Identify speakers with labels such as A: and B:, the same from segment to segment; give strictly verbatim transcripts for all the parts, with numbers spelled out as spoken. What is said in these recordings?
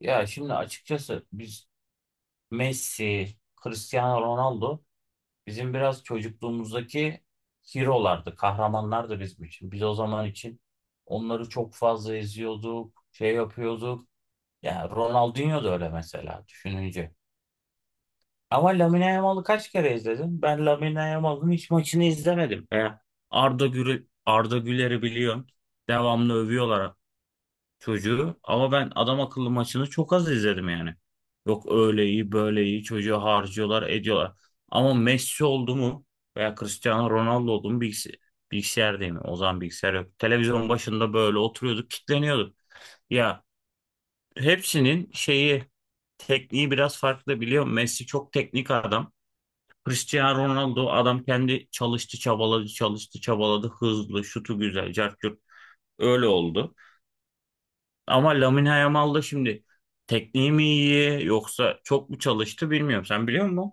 A: Ya şimdi açıkçası biz Messi, Cristiano Ronaldo bizim biraz çocukluğumuzdaki hero'lardı, kahramanlardı bizim için. Biz o zaman için onları çok fazla izliyorduk, şey yapıyorduk. Ya Ronaldinho da öyle mesela düşününce. Ama Lamine Yamal'ı kaç kere izledim? Ben Lamine Yamal'ın hiç maçını izlemedim. Veya Arda Güler, Arda Güler'i biliyorum. Devamlı övüyorlar çocuğu ama ben adam akıllı maçını çok az izledim yani. Yok öyle iyi böyle iyi çocuğu harcıyorlar ediyorlar. Ama Messi oldu mu veya Cristiano Ronaldo oldu mu bilgis bilgisayardayım. O zaman bilgisayar yok. Televizyon başında böyle oturuyorduk kitleniyorduk. Ya hepsinin şeyi tekniği biraz farklı biliyor musun? Messi çok teknik adam. Cristiano Ronaldo adam kendi çalıştı çabaladı çalıştı çabaladı hızlı şutu güzel cart curt öyle oldu. Ama Lamine Yamal da şimdi tekniği mi iyi yoksa çok mu çalıştı bilmiyorum. Sen biliyor musun?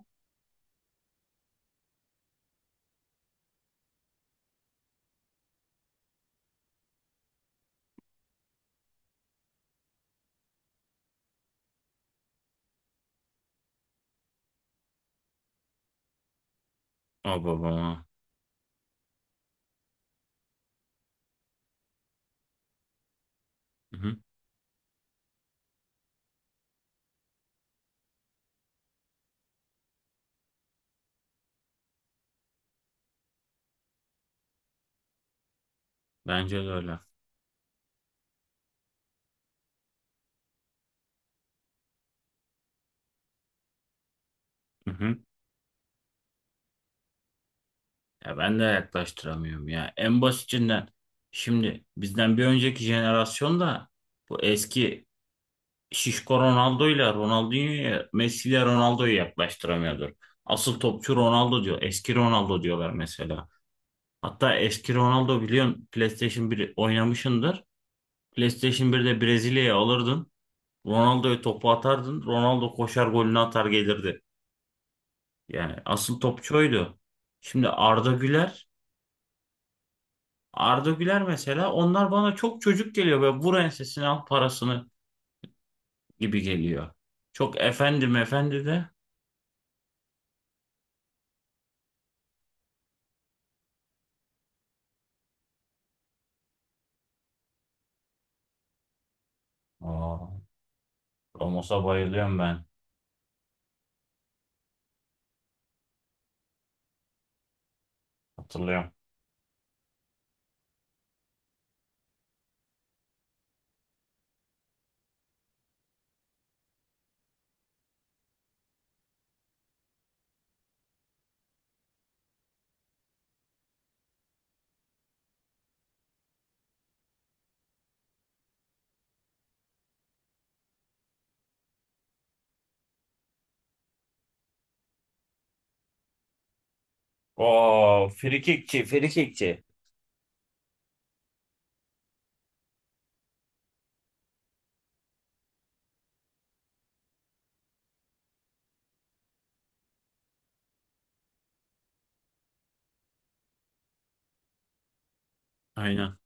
A: Aa baba. Hı hı. Bence de öyle. Hı hı. Ya ben de yaklaştıramıyorum ya. En basitinden şimdi bizden bir önceki jenerasyonda bu eski şişko Ronaldo'yla Ronaldinho'ya Messi'yle Ronaldo'yu yaklaştıramıyordur. Asıl topçu Ronaldo diyor. Eski Ronaldo diyorlar mesela. Hatta eski Ronaldo biliyorsun PlayStation bir oynamışındır. PlayStation birde Brezilya'ya alırdın. Ronaldo'ya topu atardın. Ronaldo koşar golünü atar gelirdi. Yani asıl topçu oydu. Şimdi Arda Güler. Arda Güler mesela onlar bana çok çocuk geliyor. Böyle vur ensesini al parasını gibi geliyor. Çok efendim efendi de. Aa, Ramos'a bayılıyorum ben. Hatırlıyorum. Oo, frikikçi, frikikçi. Aynen.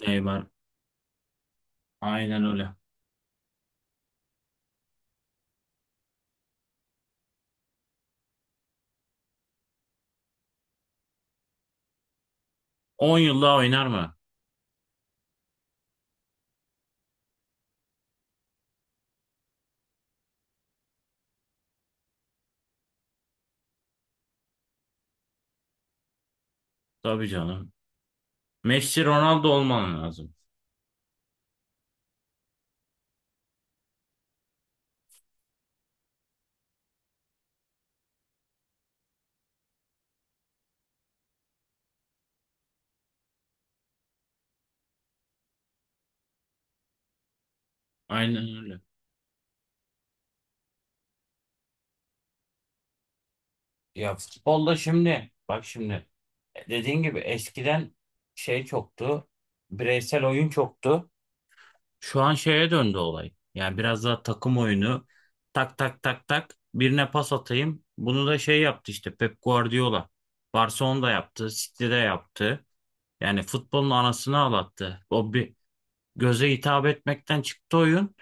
A: Neymar. Aynen öyle. On yıl daha oynar mı? Tabii canım. Messi Ronaldo olman lazım. Aynen öyle. Ya futbolda şimdi bak şimdi e, dediğin gibi eskiden şey çoktu. Bireysel oyun çoktu. Şu an şeye döndü olay. Yani biraz daha takım oyunu. Tak tak tak tak birine pas atayım. Bunu da şey yaptı işte Pep Guardiola. Barcelona'da yaptı, City'de yaptı. Yani futbolun anasını ağlattı. O bir göze hitap etmekten çıktı oyun.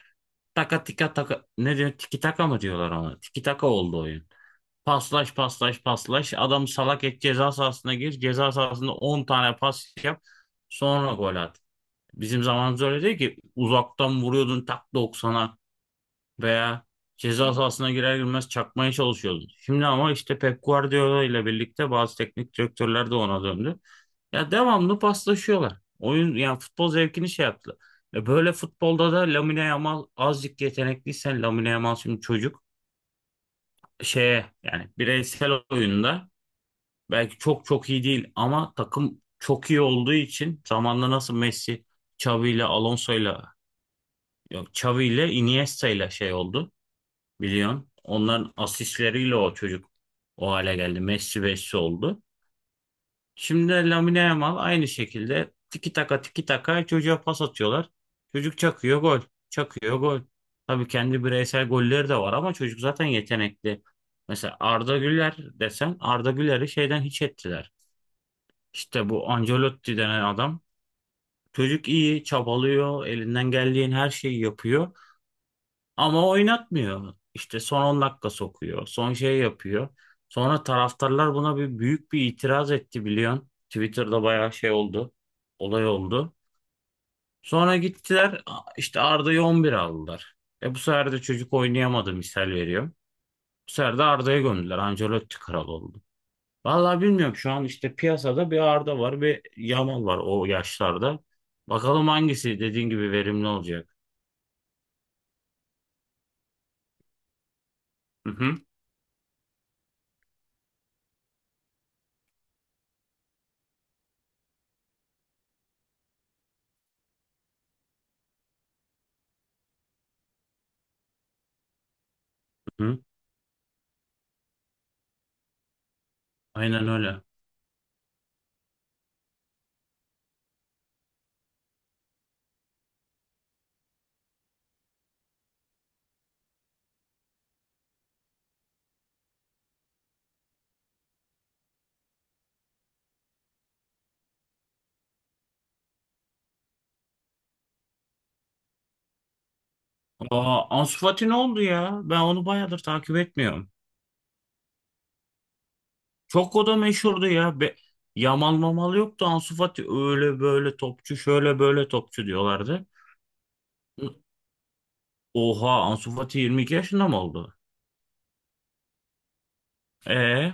A: Taka tika taka ne diyor? Tiki taka mı diyorlar ona? Tiki taka oldu oyun. Paslaş paslaş paslaş. Adam salak et ceza sahasına gir. Ceza sahasında on tane pas yap. Sonra gol at. Bizim zamanımız öyle değil ki. Uzaktan vuruyordun tak doksana veya ceza sahasına girer girmez çakmaya çalışıyordun. Şimdi ama işte Pep Guardiola ile birlikte bazı teknik direktörler de ona döndü. Ya devamlı paslaşıyorlar. Oyun yani futbol zevkini şey yaptılar. E böyle futbolda da Lamine Yamal azıcık yetenekliysen Lamine Yamal şimdi çocuk şeye yani bireysel oyunda belki çok çok iyi değil ama takım çok iyi olduğu için zamanla nasıl Messi, Xavi ile Alonso'yla yok Xavi ile Iniesta ile şey oldu biliyorsun. Onların asistleriyle o çocuk o hale geldi. Messi Messi oldu. Şimdi de Lamine Yamal aynı şekilde tiki taka tiki taka çocuğa pas atıyorlar. Çocuk çakıyor gol. Çakıyor gol. Tabii kendi bireysel golleri de var ama çocuk zaten yetenekli. Mesela Arda Güler desen Arda Güler'i şeyden hiç ettiler. İşte bu Ancelotti denen adam çocuk iyi, çabalıyor, elinden geldiğin her şeyi yapıyor ama oynatmıyor. İşte son on dakika sokuyor, son şey yapıyor. Sonra taraftarlar buna bir büyük bir itiraz etti biliyorsun. Twitter'da bayağı şey oldu, olay oldu. Sonra gittiler işte Arda'yı on bir aldılar. E bu sefer de çocuk oynayamadı misal veriyorum. Bu sefer de Arda'ya gömdüler. Ancelotti kral oldu. Vallahi bilmiyorum şu an işte piyasada bir Arda var bir Yamal var o yaşlarda. Bakalım hangisi dediğin gibi verimli olacak. Hı hı. Hı hı. Aynen öyle. Aa, Ansu Fati ne oldu ya? Ben onu bayağıdır takip etmiyorum. Çok o da meşhurdu ya. Be Yamal mamal yoktu. Ansu Fati öyle böyle topçu şöyle böyle topçu diyorlardı. Oha Ansu Fati yirmi iki yaşında mı oldu? Ee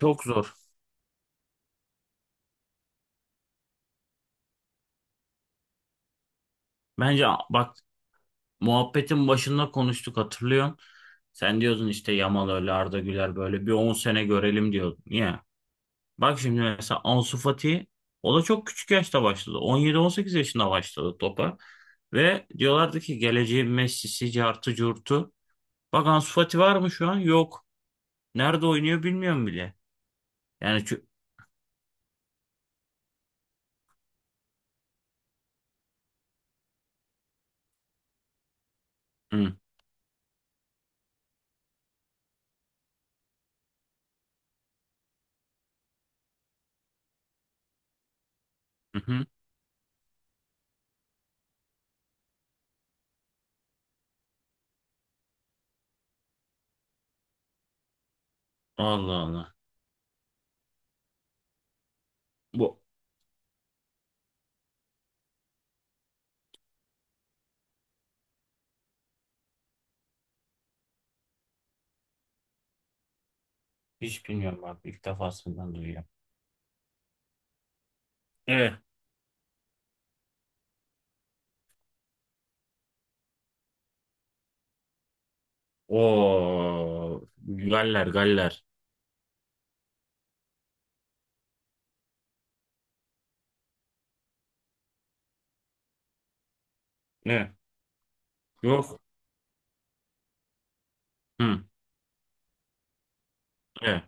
A: çok zor. Bence bak muhabbetin başında konuştuk hatırlıyorum. Sen diyordun işte Yamal öyle Arda Güler böyle bir on sene görelim diyordun. Niye? Bak şimdi mesela Ansu Fati o da çok küçük yaşta başladı. on yedi on sekiz yaşında başladı topa. Ve diyorlardı ki geleceğin Messi'si, cartı curtu. Bak Ansu Fati var mı şu an? Yok. Nerede oynuyor bilmiyorum bile. Yani çünkü Hı, hı, hı. Allah Allah. Bu. Hiç bilmiyorum bak ilk defasından duyuyorum. Evet. O Galler, Galler. Ne? Yok. Hı. Evet.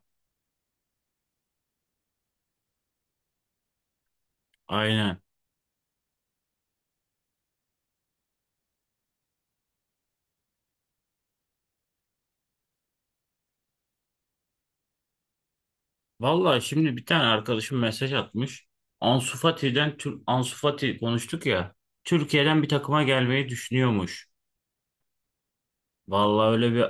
A: Aynen. Vallahi şimdi bir tane arkadaşım mesaj atmış. Ansu Fati'den Tür- Ansu Fati konuştuk ya. Türkiye'den bir takıma gelmeyi düşünüyormuş. Vallahi öyle bir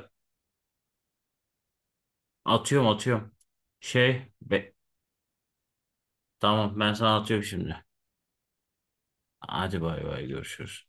A: atıyorum atıyorum. Şey be- tamam ben sana atıyorum şimdi. Hadi bay bay görüşürüz.